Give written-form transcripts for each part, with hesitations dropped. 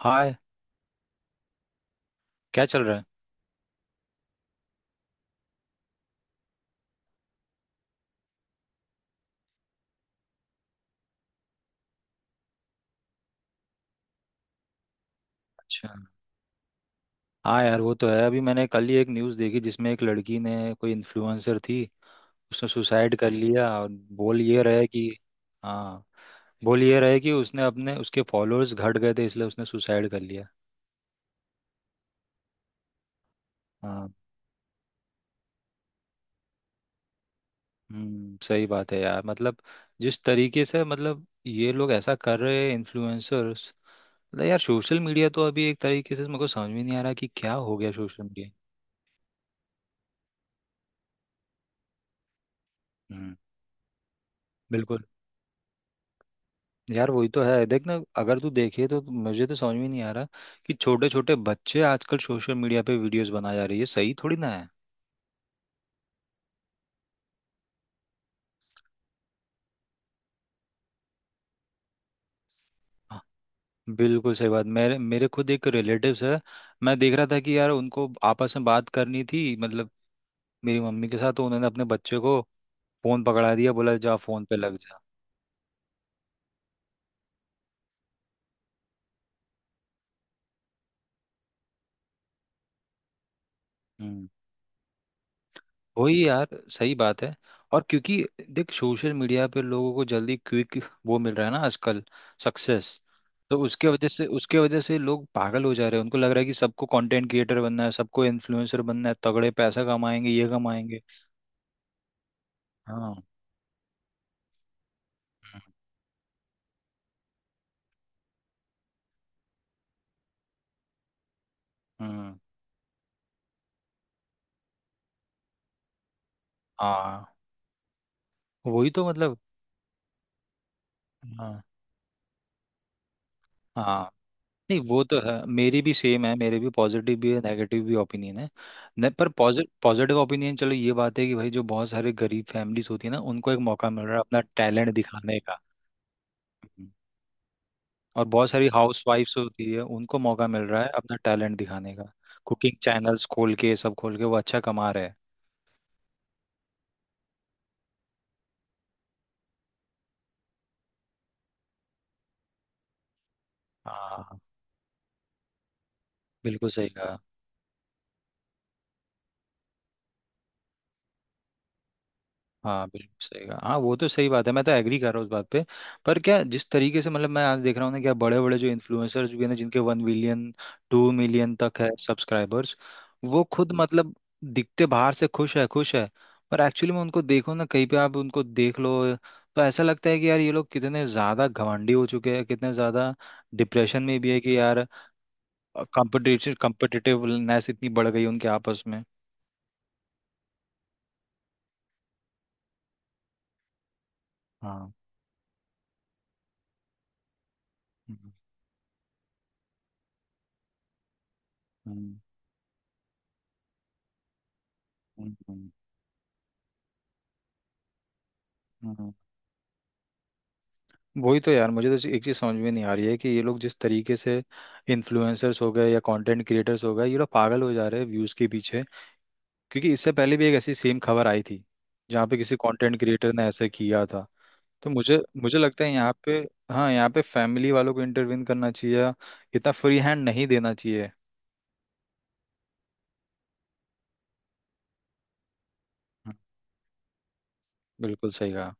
हाय। क्या चल रहा है? अच्छा। हाँ यार वो तो है। अभी मैंने कल ही एक न्यूज़ देखी जिसमें एक लड़की, ने कोई इन्फ्लुएंसर थी, उसने सुसाइड कर लिया। और बोल ये रहा है कि, हाँ, बोल ये रहा है कि उसने अपने उसके फॉलोअर्स घट गए थे इसलिए उसने सुसाइड कर लिया। हाँ। सही बात है यार। मतलब जिस तरीके से, मतलब ये लोग ऐसा कर रहे हैं इन्फ्लुएंसर्स। मतलब यार सोशल मीडिया तो अभी एक तरीके से मेरे को समझ में नहीं आ रहा कि क्या हो गया सोशल मीडिया। हम्म। बिल्कुल। यार वही तो है, देख ना। अगर तू देखे तो मुझे तो समझ में नहीं आ रहा कि छोटे छोटे बच्चे आजकल सोशल मीडिया पे वीडियोस बना जा रही है। सही थोड़ी ना है। हाँ। बिल्कुल सही बात। मेरे मेरे खुद एक रिलेटिव्स है। मैं देख रहा था कि यार उनको आपस में बात करनी थी, मतलब मेरी मम्मी के साथ, तो उन्होंने अपने बच्चे को फोन पकड़ा दिया, बोला जा फोन पे लग जा। हम्म। वही यार सही बात है। और क्योंकि देख सोशल मीडिया पे लोगों को जल्दी, क्विक वो मिल रहा है ना आजकल, सक्सेस। तो उसके वजह से लोग पागल हो जा रहे हैं। उनको लग रहा है कि सबको कंटेंट क्रिएटर बनना है, सबको इन्फ्लुएंसर बनना है, तगड़े पैसा कमाएंगे ये कमाएंगे। हाँ। हम्म। हम्म। हाँ वही तो मतलब। हाँ। हाँ। नहीं वो तो है, मेरी भी सेम है, मेरे भी पॉजिटिव भी है, नेगेटिव भी ओपिनियन है। न, पर पॉजिटिव ओपिनियन चलो ये बात है कि भाई जो बहुत सारे गरीब फैमिलीज होती है ना, उनको एक मौका मिल रहा है अपना टैलेंट दिखाने का। हम्म। और बहुत सारी हाउस वाइफ्स होती है, उनको मौका मिल रहा है अपना टैलेंट दिखाने का। कुकिंग चैनल्स खोल के, सब खोल के वो अच्छा कमा रहे हैं। हाँ बिल्कुल सही कहा। हाँ बिल्कुल सही कहा। हाँ वो तो सही बात है, मैं तो एग्री कर रहा हूँ उस बात पे। पर क्या जिस तरीके से, मतलब मैं आज देख रहा हूँ ना, क्या बड़े बड़े जो इन्फ्लुएंसर्स भी हैं ना जिनके 1 मिलियन 2 मिलियन तक है सब्सक्राइबर्स, वो खुद मतलब दिखते बाहर से खुश है, खुश है। पर एक्चुअली में उनको देखो ना, कहीं पे आप उनको देख लो, तो ऐसा लगता है कि यार ये लोग कितने ज़्यादा घमंडी हो चुके हैं, कितने ज़्यादा डिप्रेशन में भी है कि यार, कॉम्पिटिटिवनेस इतनी बढ़ गई उनके आपस में। हाँ। हम्म। हम्म। हम्म। हम्म, वही तो यार। मुझे तो एक चीज़ समझ में नहीं आ रही है कि ये लोग जिस तरीके से इन्फ्लुएंसर्स हो गए या कंटेंट क्रिएटर्स हो गए, ये लोग पागल हो जा रहे हैं व्यूज़ के पीछे। क्योंकि इससे पहले भी एक ऐसी सेम खबर आई थी जहाँ पे किसी कंटेंट क्रिएटर ने ऐसा किया था। तो मुझे मुझे लगता है यहाँ पे, हाँ यहाँ पे फैमिली वालों को इंटरवीन करना चाहिए, इतना फ्री हैंड नहीं देना चाहिए। हम्म, बिल्कुल सही कहा।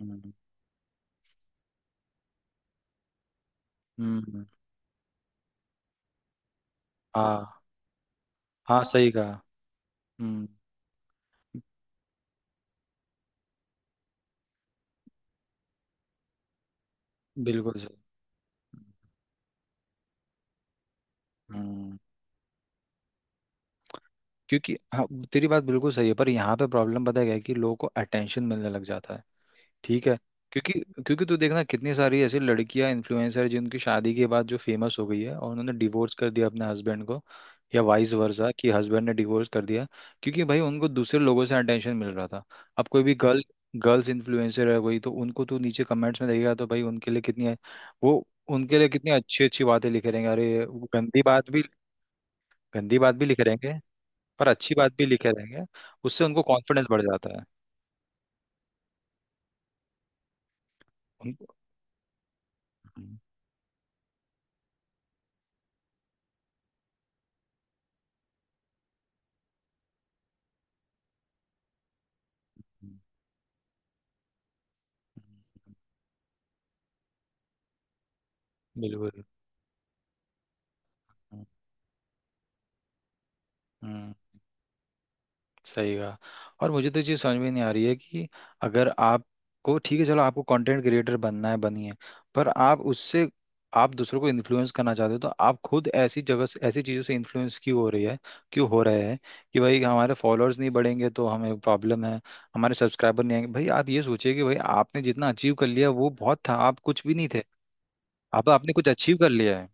हम्म। हम्म। हाँ। हाँ सही कहा। हम्म। बिल्कुल सही। हम्म। क्योंकि, हाँ, तेरी बात बिल्कुल सही है पर यहाँ पे प्रॉब्लम पता है क्या है, कि लोगों को अटेंशन मिलने लग जाता है, ठीक है। क्योंकि क्योंकि तू देखना कितनी सारी ऐसी लड़कियां इन्फ्लुएंसर, जिनकी शादी के बाद जो फेमस हो गई है और उन्होंने डिवोर्स कर दिया अपने हस्बैंड को, या वाइस वर्सा कि हस्बैंड ने डिवोर्स कर दिया। क्योंकि भाई उनको दूसरे लोगों से अटेंशन मिल रहा था। अब कोई भी गर्ल, गर्ल्स इन्फ्लुएंसर है कोई, तो उनको तू नीचे कमेंट्स में देखेगा तो भाई वो उनके लिए कितनी अच्छी अच्छी बातें लिखे रहेंगे। अरे वो गंदी बात भी लिखे रहेंगे, पर अच्छी बात भी लिखे रहेंगे। उससे उनको कॉन्फिडेंस बढ़ जाता है। उनको। हम्म। हम्म। हम्म। बिल्कुल। हम्म। हम्म। सही कहा। और मुझे तो ये चीज़ समझ में नहीं आ रही है कि अगर आपको, ठीक है चलो, आपको कंटेंट क्रिएटर बनना है बनिए। पर आप उससे, आप दूसरों को इन्फ्लुएंस करना चाहते हो तो आप खुद ऐसी जगह से, ऐसी चीज़ों से इन्फ्लुएंस क्यों हो रही है, क्यों हो रहे हैं कि भाई हमारे फॉलोअर्स नहीं बढ़ेंगे तो हमें प्रॉब्लम है, हमारे सब्सक्राइबर नहीं आएंगे। भाई आप ये सोचिए कि भाई आपने जितना अचीव कर लिया वो बहुत था, आप कुछ भी नहीं थे, अब आपने कुछ अचीव कर लिया है।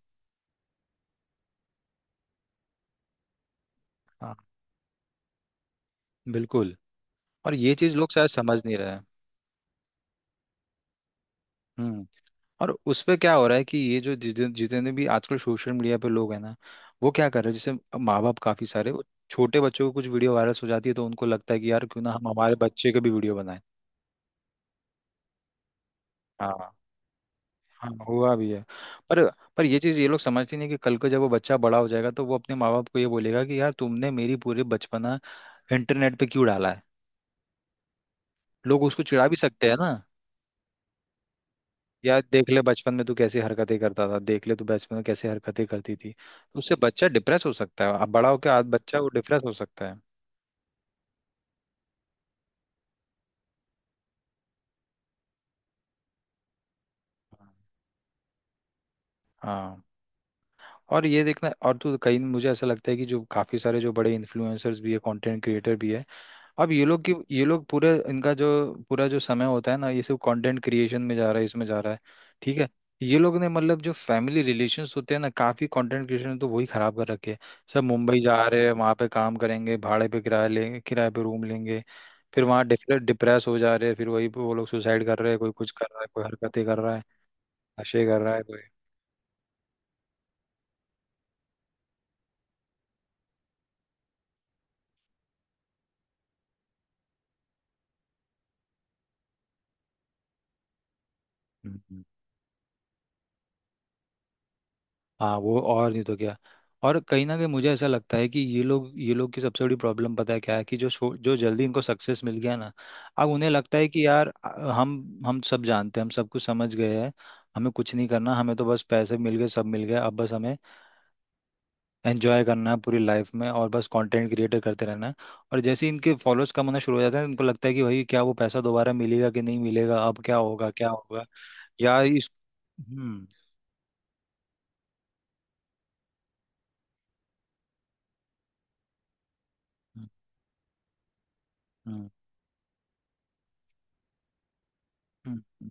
हाँ बिल्कुल। और ये चीज लोग शायद समझ नहीं रहे हैं। हम्म। और उस पे क्या हो रहा है कि ये जो जितने जितने भी आजकल सोशल मीडिया पे लोग हैं ना, वो क्या कर रहे हैं, जैसे माँ बाप काफी सारे, वो छोटे बच्चों को कुछ वीडियो वायरल हो जाती है तो उनको लगता है कि यार क्यों ना हम हमारे बच्चे के भी वीडियो बनाएं। हाँ। हाँ हुआ भी है। पर पर ये चीज़ ये लोग समझते नहीं कि कल को जब वो बच्चा बड़ा हो जाएगा तो वो अपने माँ बाप को ये बोलेगा कि यार तुमने मेरी पूरे बचपना इंटरनेट पे क्यों डाला है। लोग उसको चिढ़ा भी सकते हैं ना। यार देख ले बचपन में तू कैसी हरकतें करता था, देख ले तू बचपन में कैसी हरकतें करती थी, तो उससे बच्चा डिप्रेस हो सकता है, अब बड़ा होकर आज बच्चा वो डिप्रेस हो सकता है। हाँ। और ये देखना, और तो कहीं मुझे ऐसा लगता है कि जो काफी सारे जो बड़े इन्फ्लुएंसर्स भी है, कंटेंट क्रिएटर भी है, अब ये लोग पूरे इनका जो पूरा जो समय होता है ना ये सब कंटेंट क्रिएशन में जा रहा है, इसमें जा रहा है, ठीक है। ये लोग ने मतलब जो फैमिली रिलेशंस होते हैं ना, काफी कंटेंट क्रिएशन तो वही खराब कर रखे हैं। सब मुंबई जा रहे हैं, वहां पे काम करेंगे, भाड़े पे किराया लेंगे, किराए पे रूम लेंगे, फिर वहां डिप्रेस हो जा रहे हैं, फिर वही पे वो लोग सुसाइड कर रहे हैं, कोई कुछ कर रहा है, कोई हरकतें कर रहा है, नशे कर रहा है कोई। हम्म। हाँ वो, और नहीं तो क्या। और कहीं ना कहीं मुझे ऐसा लगता है कि ये लोग की सबसे बड़ी प्रॉब्लम पता है क्या है, कि जो जल्दी इनको सक्सेस मिल गया ना, अब उन्हें लगता है कि यार हम सब जानते हैं, हम सब कुछ समझ गए हैं, हमें कुछ नहीं करना, हमें तो बस पैसे मिल गए, सब मिल गए, अब बस हमें एंजॉय करना है पूरी लाइफ में, और बस कंटेंट क्रिएटर करते रहना है। और जैसे ही इनके फॉलोअर्स कम होना शुरू हो जाते हैं, इनको लगता है कि भाई क्या वो पैसा दोबारा मिलेगा कि नहीं मिलेगा, अब क्या होगा, क्या होगा। यार इस हम्म। हम्म। हम्म। हम्म,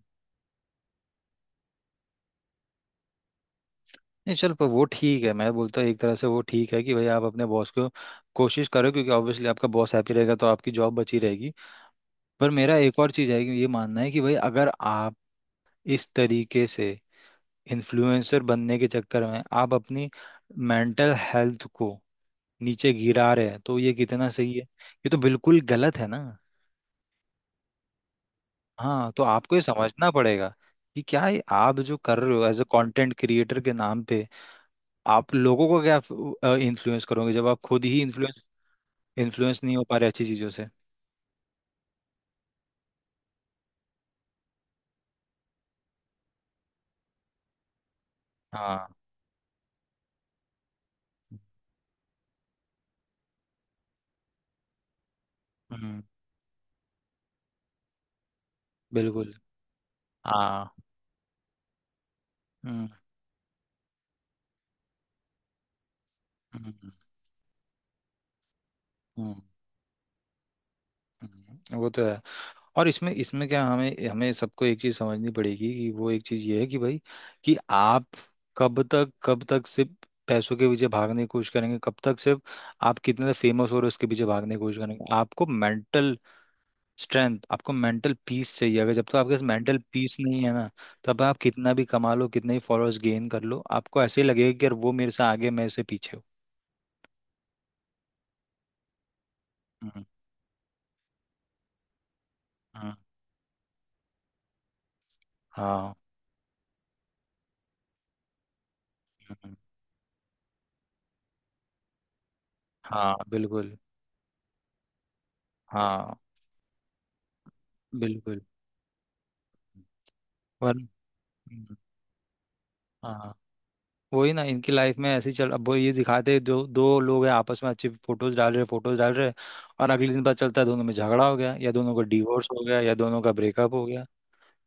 नहीं चल, पर वो ठीक है, मैं बोलता हूँ एक तरह से वो ठीक है कि भाई आप अपने बॉस को कोशिश करो, क्योंकि ऑब्वियसली आपका बॉस हैप्पी रहेगा तो आपकी जॉब बची रहेगी। पर मेरा एक और चीज़ है, कि ये मानना है कि भाई अगर आप इस तरीके से इन्फ्लुएंसर बनने के चक्कर में आप अपनी मेंटल हेल्थ को नीचे गिरा रहे हैं तो ये कितना सही है, ये तो बिल्कुल गलत है ना। हाँ तो आपको ये समझना पड़ेगा कि क्या ये आप जो कर रहे हो एज अ कंटेंट क्रिएटर के नाम पे, आप लोगों को क्या इन्फ्लुएंस करोगे जब आप खुद ही इन्फ्लुएंस इन्फ्लुएंस नहीं हो पा रहे अच्छी चीज़ों से। हाँ। हम्म। बिल्कुल। हाँ। हम्म। हम्म। हम्म। हम्म। वो तो है। और इसमें इसमें क्या, हमें हमें सबको एक चीज़ समझनी पड़ेगी कि वो एक चीज़ ये है कि भाई, कि आप कब तक सिर्फ पैसों के पीछे भागने की कोशिश करेंगे, कब तक सिर्फ आप कितने फेमस हो रहे हो उसके पीछे भागने की कोशिश करेंगे। आपको मेंटल स्ट्रेंथ, आपको मेंटल पीस चाहिए। अगर, जब तक आपके पास मेंटल पीस नहीं है ना, तब आप कितना भी कमा लो, कितने ही फॉलोअर्स गेन कर लो, आपको ऐसे ही लगेगा कि यार वो मेरे से आगे, मैं इससे पीछे हूँ। हम्म। हम्म। हाँ। हम्म। हाँ बिल्कुल। हाँ बिल्कुल। वन हम्म। हाँ वही ना, इनकी लाइफ में ऐसे ही चल। अब वो ये दिखाते हैं, जो दो लोग हैं आपस में, अच्छी फोटोज डाल रहे, और अगले दिन पता चलता है दोनों में झगड़ा हो गया, या दोनों का डिवोर्स हो गया, या दोनों का ब्रेकअप हो गया।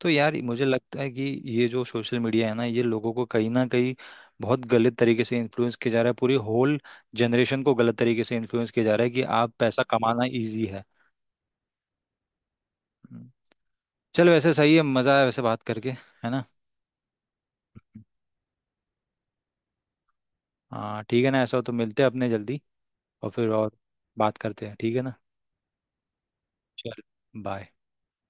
तो यार मुझे लगता है कि ये जो सोशल मीडिया है ना, ये लोगों को कहीं ना कहीं बहुत गलत तरीके से इन्फ्लुएंस किया जा रहा है, पूरी होल जनरेशन को गलत तरीके से इन्फ्लुएंस किया जा रहा है कि आप पैसा कमाना इजी है। हम्म। चल वैसे सही है, मज़ा आया वैसे बात करके, है ना। हाँ ठीक है ना, ऐसा हो तो मिलते हैं अपने जल्दी, और फिर और बात करते हैं, ठीक है ना। चल। बाय।